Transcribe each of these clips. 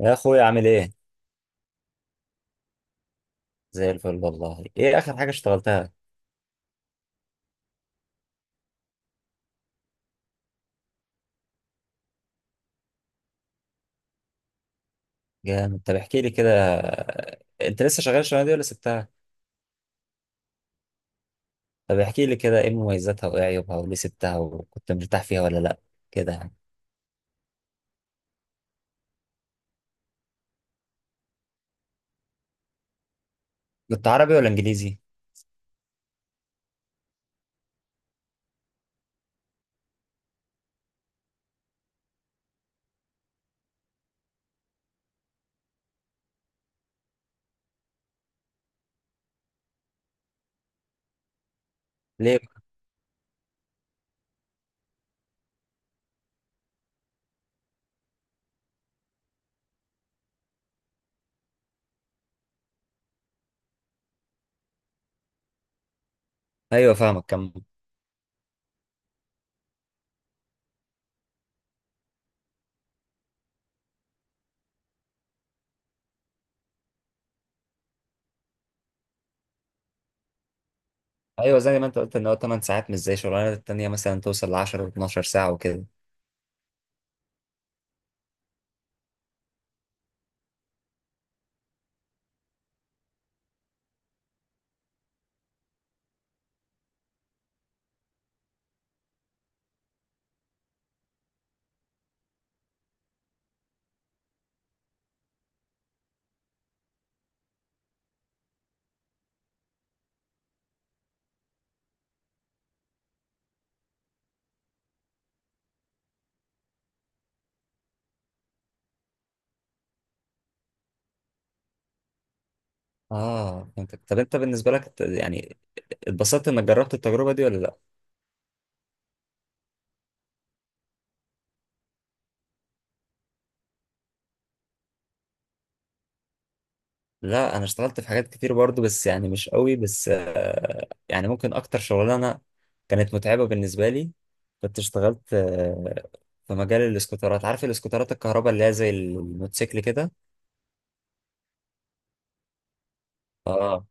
يا اخويا، عامل ايه؟ زي الفل والله. ايه اخر حاجه اشتغلتها؟ جامد. طب احكي لي كده. انت لسه شغال الشغلانه دي ولا سبتها؟ طب احكي لي كده، ايه مميزاتها وايه عيوبها وليه سبتها، وكنت مرتاح فيها ولا لا، كده يعني. كنت عربي ولا انجليزي؟ ليه؟ ايوه فاهمك كم. ايوه، زي ما انت قلت ان هو 8 ساعات، مش زي الشغلانه التانيه مثلا توصل ل 10 و12 ساعه وكده. اه، فهمتك. طب انت بالنسبه لك يعني اتبسطت انك جربت التجربه دي ولا لا؟ لا انا اشتغلت في حاجات كتير برضو، بس يعني مش قوي. بس يعني ممكن اكتر شغلانه كانت متعبه بالنسبه لي كنت اشتغلت في مجال الاسكوترات. عارف الاسكوترات الكهرباء اللي هي زي الموتوسيكل كده؟ اه،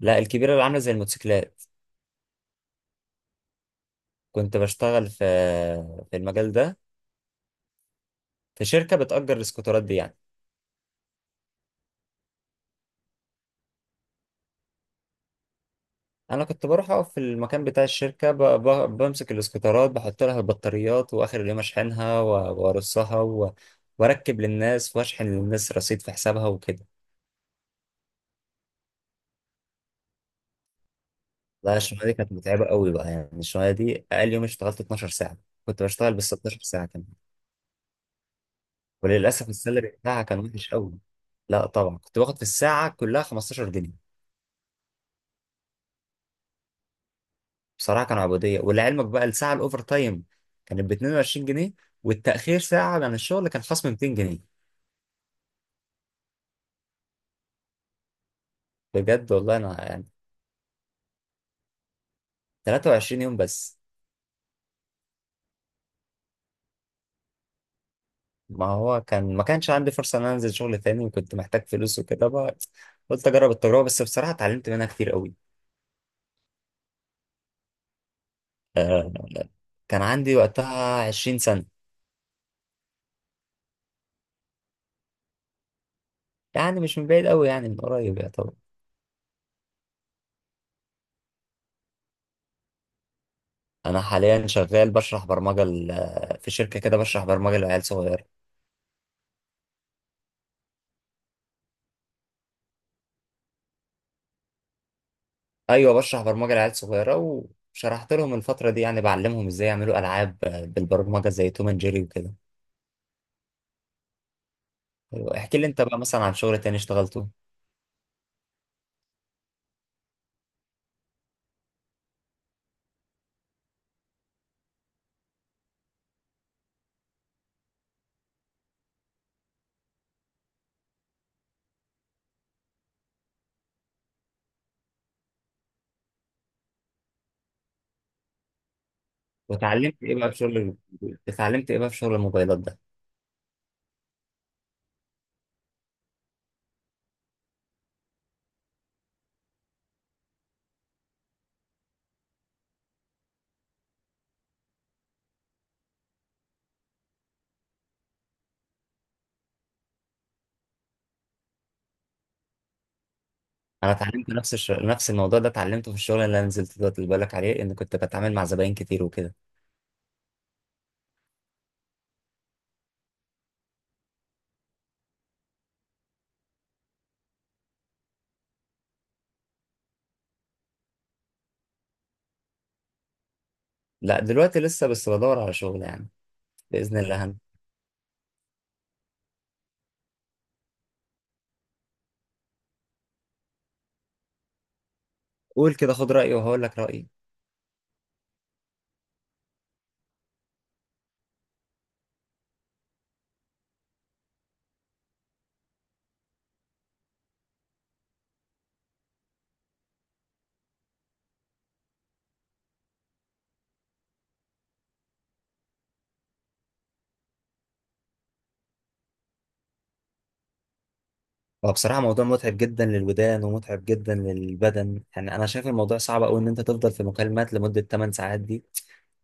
لا الكبيره اللي عامله زي الموتوسيكلات. كنت بشتغل في المجال ده، في شركه بتأجر الاسكوترات دي يعني. انا كنت بروح اقف في المكان بتاع الشركه، بمسك الاسكوترات، بحط لها البطاريات، واخر اليوم اشحنها وارصها واركب للناس واشحن للناس رصيد في حسابها وكده. لا اه، الشغلانه دي كانت متعبه قوي بقى، يعني الشغلانه دي اقل يوم اشتغلت 12 ساعه، كنت بشتغل بال 16 ساعه كمان. وللاسف السالري بتاعها كان وحش قوي. لا طبعا، كنت باخد في الساعه كلها 15 جنيه. بصراحه كانوا عبوديه. ولعلمك بقى الساعه الاوفر تايم كانت ب 22 جنيه، والتاخير ساعه عن الشغل كان خصم 200 جنيه. بجد والله، انا يعني 23 يوم بس. ما هو ما كانش عندي فرصة ان انا انزل شغل تاني، وكنت محتاج فلوس وكده بقى. قلت اجرب التجربة، بس بصراحة اتعلمت منها كتير قوي. آه، كان عندي وقتها 20 سنة. يعني مش من بعيد قوي، يعني من قريب، يا طبعا. انا حاليا شغال بشرح برمجة في شركة كده بشرح برمجة لعيال صغيرة. ايوه، بشرح برمجة لعيال صغيرة، وشرحت لهم الفترة دي، يعني بعلمهم ازاي يعملوا العاب بالبرمجة زي توم اند جيري وكده. أيوة، احكي لي انت بقى مثلا عن شغل تاني اشتغلته. واتعلمت ايه بقى في شغل اتعلمت ايه بقى في شغل الموبايلات ده؟ انا اتعلمت نفس الموضوع ده اتعلمته في الشغل اللي انا نزلت ده اللي بالك عليه، ان كنت بتعامل مع زباين كتير وكده. لا دلوقتي لسه بس بدور على شغل يعني، باذن الله هم. قول كده خد رايي وهقول لك رايي. هو بصراحه موضوع متعب جدا للودان ومتعب جدا للبدن. يعني انا شايف الموضوع صعب قوي ان انت تفضل في مكالمات لمده 8 ساعات دي،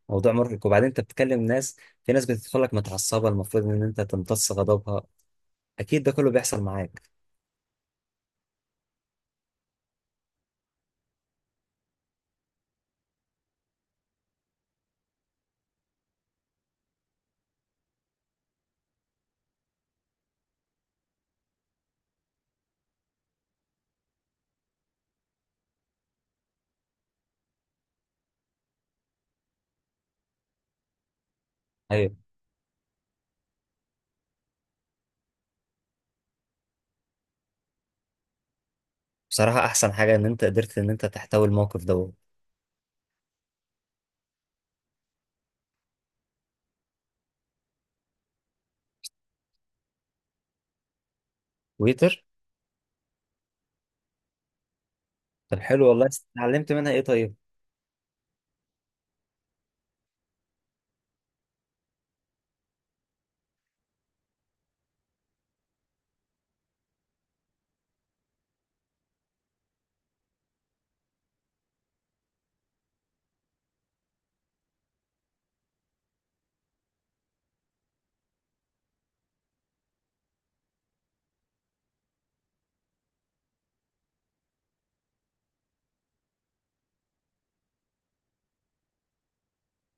موضوع مرهق. وبعدين انت بتكلم ناس، في ناس بتدخل لك متعصبه المفروض ان انت تمتص غضبها. اكيد ده كله بيحصل معاك. ايوه. بصراحة أحسن حاجة إن أنت قدرت إن أنت تحتوي الموقف دوت. ويتر. طب حلو والله. اتعلمت منها إيه طيب؟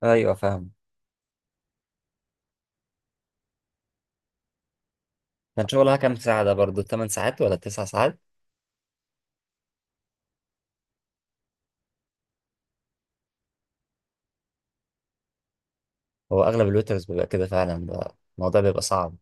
أيوه فاهم. كان شغلها كام ساعة، ده برضه 8 ساعات ولا 9 ساعات؟ هو أغلب الويترز بيبقى كده فعلا بقى، الموضوع بيبقى صعب.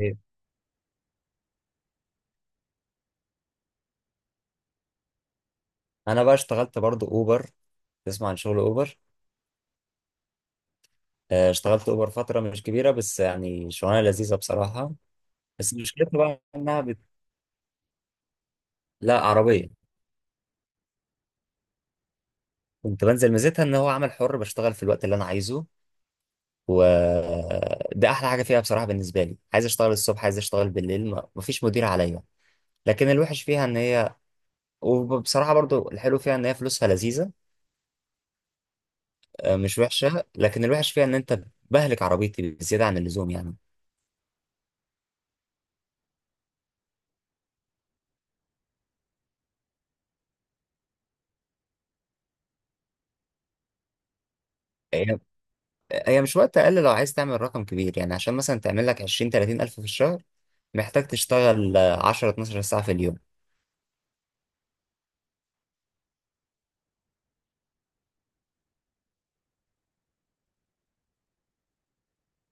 إيه. أنا بقى اشتغلت برضه أوبر. تسمع عن شغل أوبر؟ اشتغلت أوبر فترة مش كبيرة، بس يعني شغلانة لذيذة بصراحة. بس مشكلتها بقى لا، عربية. كنت بنزل، ميزتها إن هو عمل حر، بشتغل في الوقت اللي أنا عايزه، وده احلى حاجه فيها بصراحه بالنسبه لي. عايز اشتغل الصبح، عايز اشتغل بالليل، مفيش مدير عليا. لكن الوحش فيها ان هي، وبصراحه برضو الحلو فيها ان هي فلوسها لذيذه، مش وحشه. لكن الوحش فيها ان انت بهلك عربيتي بزياده عن اللزوم يعني. هي هي مش وقت اقل، لو عايز تعمل رقم كبير يعني عشان مثلا تعمل لك 20 30 الف في الشهر، محتاج تشتغل 10 12 ساعه في اليوم.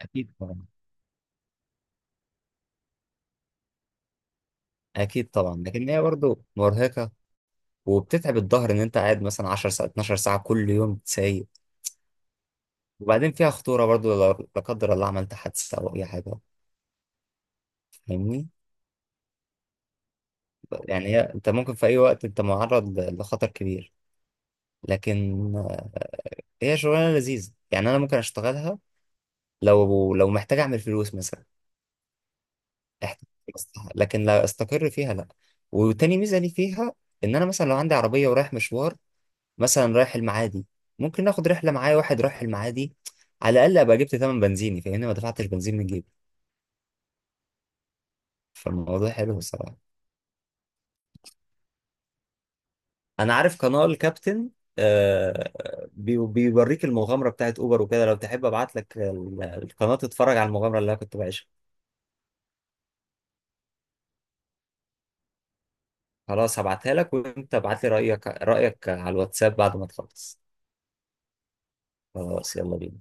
اكيد طبعا. اكيد طبعا، لكن هي برضو مرهقه وبتتعب الظهر ان انت قاعد مثلا 10 ساعات 12 ساعه كل يوم سايق. وبعدين فيها خطورة برضو لا قدر الله عملت حادثة أو أي حاجة، فاهمني؟ يعني هي أنت ممكن في أي وقت أنت معرض لخطر كبير. لكن هي شغلانة لذيذة، يعني أنا ممكن أشتغلها لو محتاج أعمل فلوس مثلا. إحت- لكن لا أستقر فيها لأ. وتاني ميزة لي فيها إن أنا مثلا لو عندي عربية ورايح مشوار، مثلا رايح المعادي، ممكن آخد رحلة معايا واحد رايح المعادي، على الأقل أبقى جبت تمن بنزيني، فاهمني، ما دفعتش بنزين من جيبي. فالموضوع حلو الصراحة. انا عارف قناة الكابتن، آه، بيوريك المغامرة بتاعت اوبر وكده. لو تحب ابعت لك القناة تتفرج على المغامرة اللي انا كنت بعيشها. خلاص هبعتها لك، وانت ابعت لي رأيك، على الواتساب بعد ما تخلص. خلاص يلا بينا.